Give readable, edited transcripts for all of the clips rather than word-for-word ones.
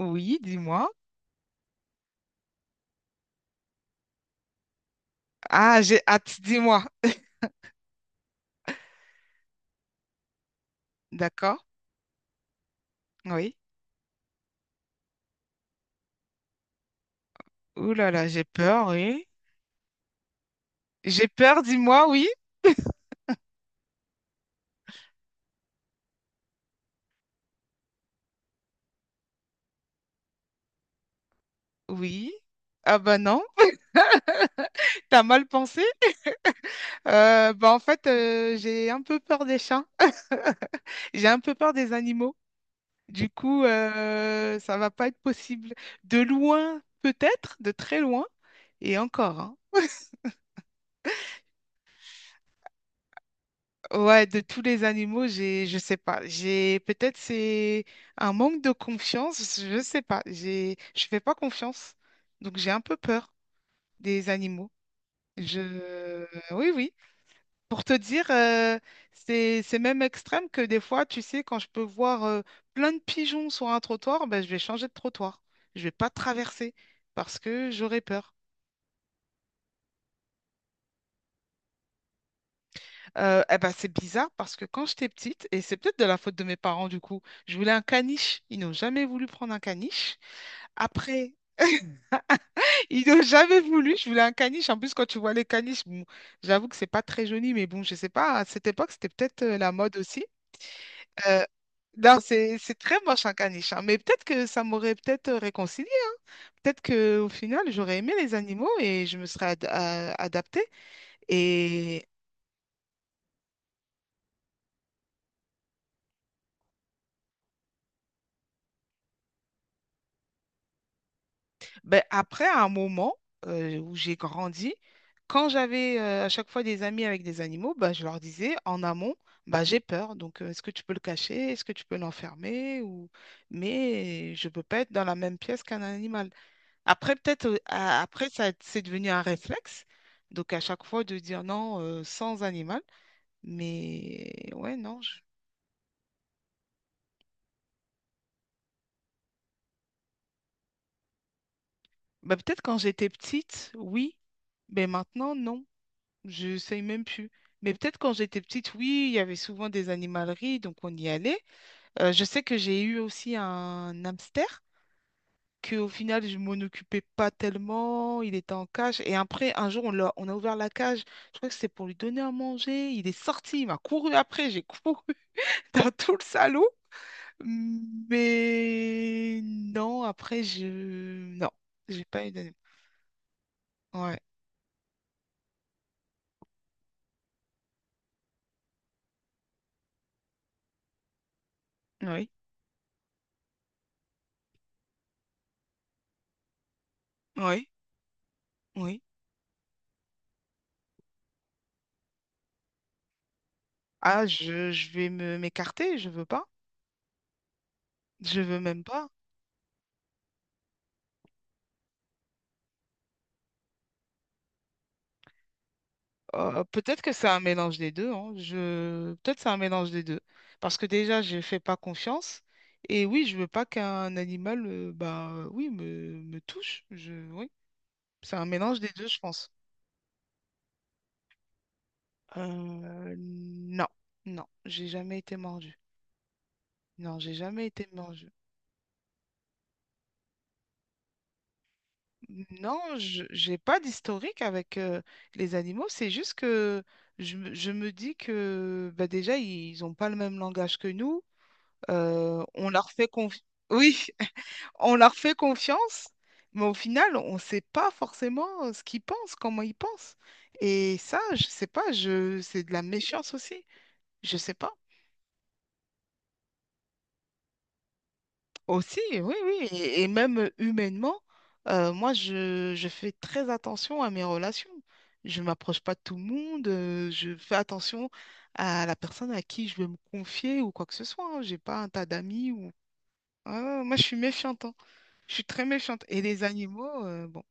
Oui, dis-moi. Ah, j'ai hâte, dis-moi. D'accord, oui. Ouh là là, j'ai peur, oui. J'ai peur, dis-moi, oui. Oui. Ah bah non, t'as mal pensé. Bah en fait, j'ai un peu peur des chats. J'ai un peu peur des animaux. Du coup, ça va pas être possible. De loin, peut-être, de très loin. Et encore, hein. Ouais, de tous les animaux, j'ai, je sais pas, j'ai peut-être c'est un manque de confiance, je sais pas, j'ai, je fais pas confiance, donc j'ai un peu peur des animaux. Je, oui, oui. Pour te dire, c'est même extrême que des fois, tu sais, quand je peux voir plein de pigeons sur un trottoir, ben, je vais changer de trottoir, je vais pas traverser parce que j'aurais peur. Eh ben, c'est bizarre parce que quand j'étais petite, et c'est peut-être de la faute de mes parents du coup, je voulais un caniche. Ils n'ont jamais voulu prendre un caniche. Après, ils n'ont jamais voulu. Je voulais un caniche. En plus, quand tu vois les caniches, bon, j'avoue que c'est pas très joli, mais bon, je sais pas. À cette époque, c'était peut-être la mode aussi. Euh, non, c'est très moche un caniche, hein, mais peut-être que ça m'aurait peut-être réconcilié. Peut-être que au final, j'aurais aimé les animaux et je me serais adaptée. Ben, après, à un moment où j'ai grandi, quand j'avais à chaque fois des amis avec des animaux, ben, je leur disais en amont, ben, j'ai peur, donc est-ce que tu peux le cacher? Est-ce que tu peux l'enfermer? Ou... Mais je ne peux pas être dans la même pièce qu'un animal. Après, peut-être, après, ça, c'est devenu un réflexe. Donc, à chaque fois, de dire non sans animal. Mais ouais, non. Ben, peut-être quand j'étais petite, oui. Mais maintenant, non. Je sais même plus. Mais peut-être quand j'étais petite, oui, il y avait souvent des animaleries, donc on y allait. Je sais que j'ai eu aussi un hamster, que au final, je m'en occupais pas tellement, il était en cage. Et après, un jour, on a ouvert la cage, je crois que c'était pour lui donner à manger. Il est sorti, il m'a couru après, j'ai couru dans tout le salon. Mais non, après, je... Non, j'ai pas eu d'animal. Ouais, oui, oui, oui. Ah, je vais me m'écarter, je veux pas. Je veux même pas. Peut-être que c'est un mélange des deux, hein. Je... Peut-être c'est un mélange des deux. Parce que déjà, je fais pas confiance. Et oui, je veux pas qu'un animal, oui, me touche. Je... Oui, c'est un mélange des deux, je pense. Non, non, j'ai jamais été mordue. Non, j'ai jamais été mordue. Non, je j'ai pas d'historique avec les animaux. C'est juste que je me dis que bah, déjà, ils n'ont pas le même langage que nous. On leur oui, on leur fait confiance, mais au final, on ne sait pas forcément ce qu'ils pensent, comment ils pensent. Et ça, je sais pas, je c'est de la méfiance aussi. Je sais pas. Aussi, oui, oui. Et même humainement, moi, je fais très attention à mes relations. Je m'approche pas de tout le monde, je fais attention à la personne à qui je veux me confier ou quoi que ce soit, hein. J'ai pas un tas d'amis ou... Ah, moi, je suis méfiante, hein. Je suis très méchante. Et les animaux, bon.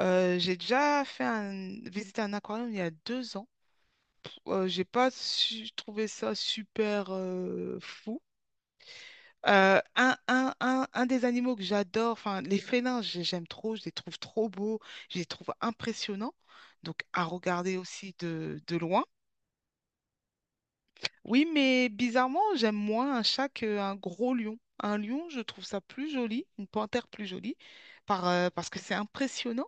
J'ai déjà fait un... visiter un aquarium il y a deux ans. J'ai pas trouvé ça super fou. Un des animaux que j'adore, enfin les félins, j'aime trop, je les trouve trop beaux, je les trouve impressionnants, donc à regarder aussi de loin. Oui, mais bizarrement, j'aime moins un chat qu'un gros lion. Un lion, je trouve ça plus joli, une panthère plus jolie, parce que c'est impressionnant.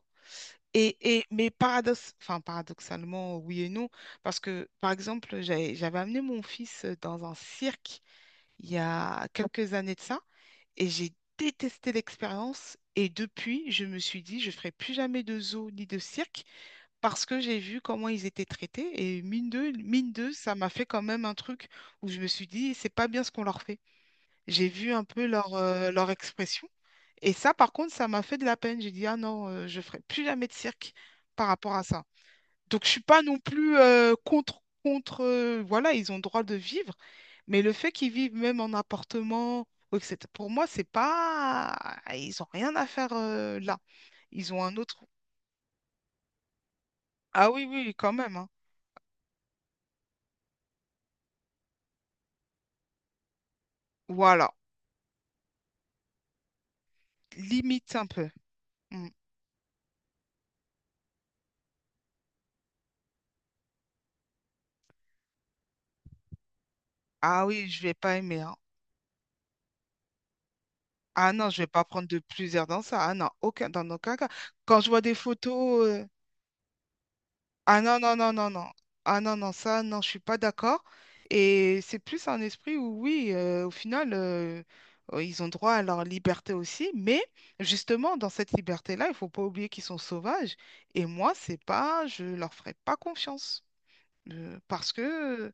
Et, mais paradoxe, enfin, paradoxalement, oui et non, parce que, par exemple, j'avais amené mon fils dans un cirque il y a quelques années de ça, et j'ai détesté l'expérience, et depuis, je me suis dit, je ferai plus jamais de zoo ni de cirque, parce que j'ai vu comment ils étaient traités, et mine de, ça m'a fait quand même un truc où je me suis dit, c'est pas bien ce qu'on leur fait. J'ai vu un peu leur expression, et ça, par contre, ça m'a fait de la peine. J'ai dit, ah non, je ferai plus jamais de cirque par rapport à ça. Donc, je suis pas non plus contre, voilà, ils ont le droit de vivre, mais le fait qu'ils vivent même en appartement, ou etc., pour moi, c'est pas, ils ont rien à faire là. Ils ont un autre. Ah oui, oui, quand même, hein. Voilà, limite un peu. Mm. Ah oui, je vais pas aimer, hein. Ah non, je vais pas prendre de plusieurs dans ça. Ah non, aucun, dans aucun cas. Quand je vois des photos, Ah non, non. Ah non, non, ça, non, je suis pas d'accord. Et c'est plus un esprit où, oui, ils ont droit à leur liberté aussi, mais justement, dans cette liberté-là, il faut pas oublier qu'ils sont sauvages. Et moi, c'est pas, je leur ferai pas confiance. Parce que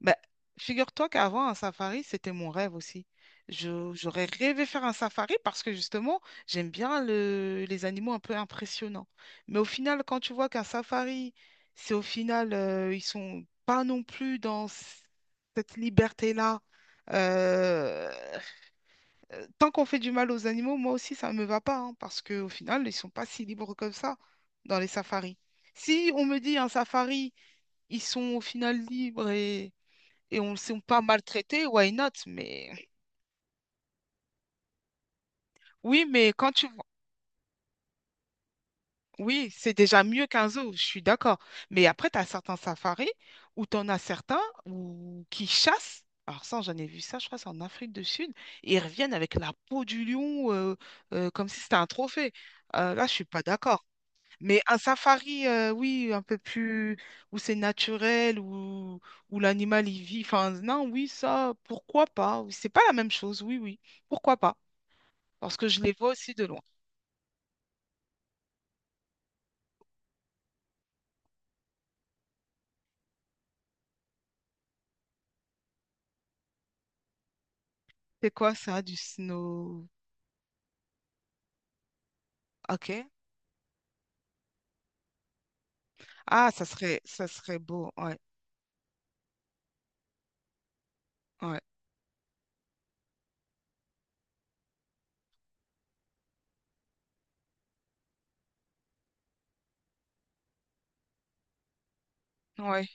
ben, figure-toi qu'avant, un safari, c'était mon rêve aussi. J'aurais rêvé faire un safari parce que justement, j'aime bien les animaux un peu impressionnants. Mais au final, quand tu vois qu'un safari, c'est au final, ils sont pas non plus dans cette liberté-là. Euh, tant qu'on fait du mal aux animaux, moi aussi, ça ne me va pas, hein, parce qu'au final, ils sont pas si libres comme ça dans les safaris. Si on me dit un safari, ils sont au final libres et on, si on pas maltraité, why not? Mais oui, mais quand tu vois, oui, c'est déjà mieux qu'un zoo, je suis d'accord. Mais après, tu en as certains où... qui chassent. Alors ça, j'en ai vu ça, je crois, c'est en Afrique du Sud. Et ils reviennent avec la peau du lion comme si c'était un trophée. Là, je suis pas d'accord. Mais un safari, oui, un peu plus où c'est naturel, où l'animal y vit. Enfin, non, oui, ça, pourquoi pas? C'est pas la même chose, oui, oui, pourquoi pas? Parce que je les vois aussi de loin. C'est quoi ça, du snow? Ok. Ah, ça serait beau. Ouais, ouais, ouais.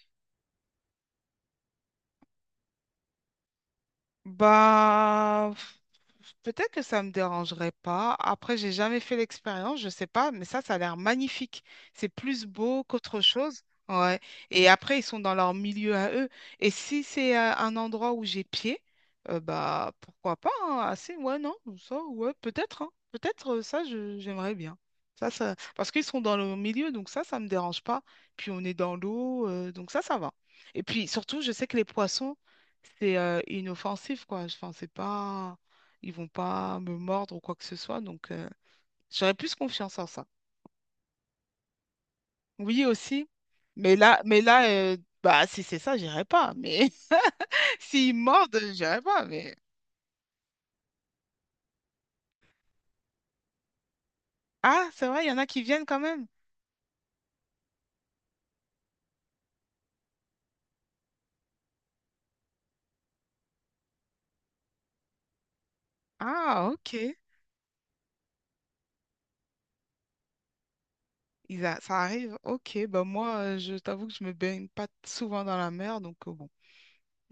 Bah, pff, peut-être que ça me dérangerait pas. Après, j'ai jamais fait l'expérience, je sais pas, mais ça a l'air magnifique. C'est plus beau qu'autre chose. Ouais. Et après, ils sont dans leur milieu à eux. Et si c'est un endroit où j'ai pied, bah, pourquoi pas, hein, Assez, ouais, non, ça, ouais, peut-être, hein. Peut-être, ça, j'aimerais bien. Ça, parce qu'ils sont dans le milieu, donc ça me dérange pas. Puis on est dans l'eau, donc ça va. Et puis surtout, je sais que les poissons c'est inoffensif, quoi. Enfin, c'est pas... Ils vont pas me mordre ou quoi que ce soit. Donc, j'aurais plus confiance en ça. Oui, aussi. Mais là, bah, si c'est ça, j'irai pas. Mais s'ils mordent, j'irai pas. Mais... Ah, c'est vrai, il y en a qui viennent quand même. Ah, ok. Ça arrive. Ok, bah moi, je t'avoue que je me baigne pas souvent dans la mer, donc bon.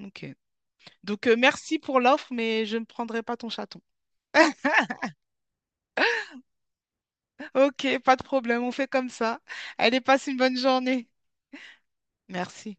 Ok. Donc, merci pour l'offre, mais je ne prendrai pas ton chaton. Ok, pas de problème, on fait comme ça. Allez, passe une bonne journée. Merci.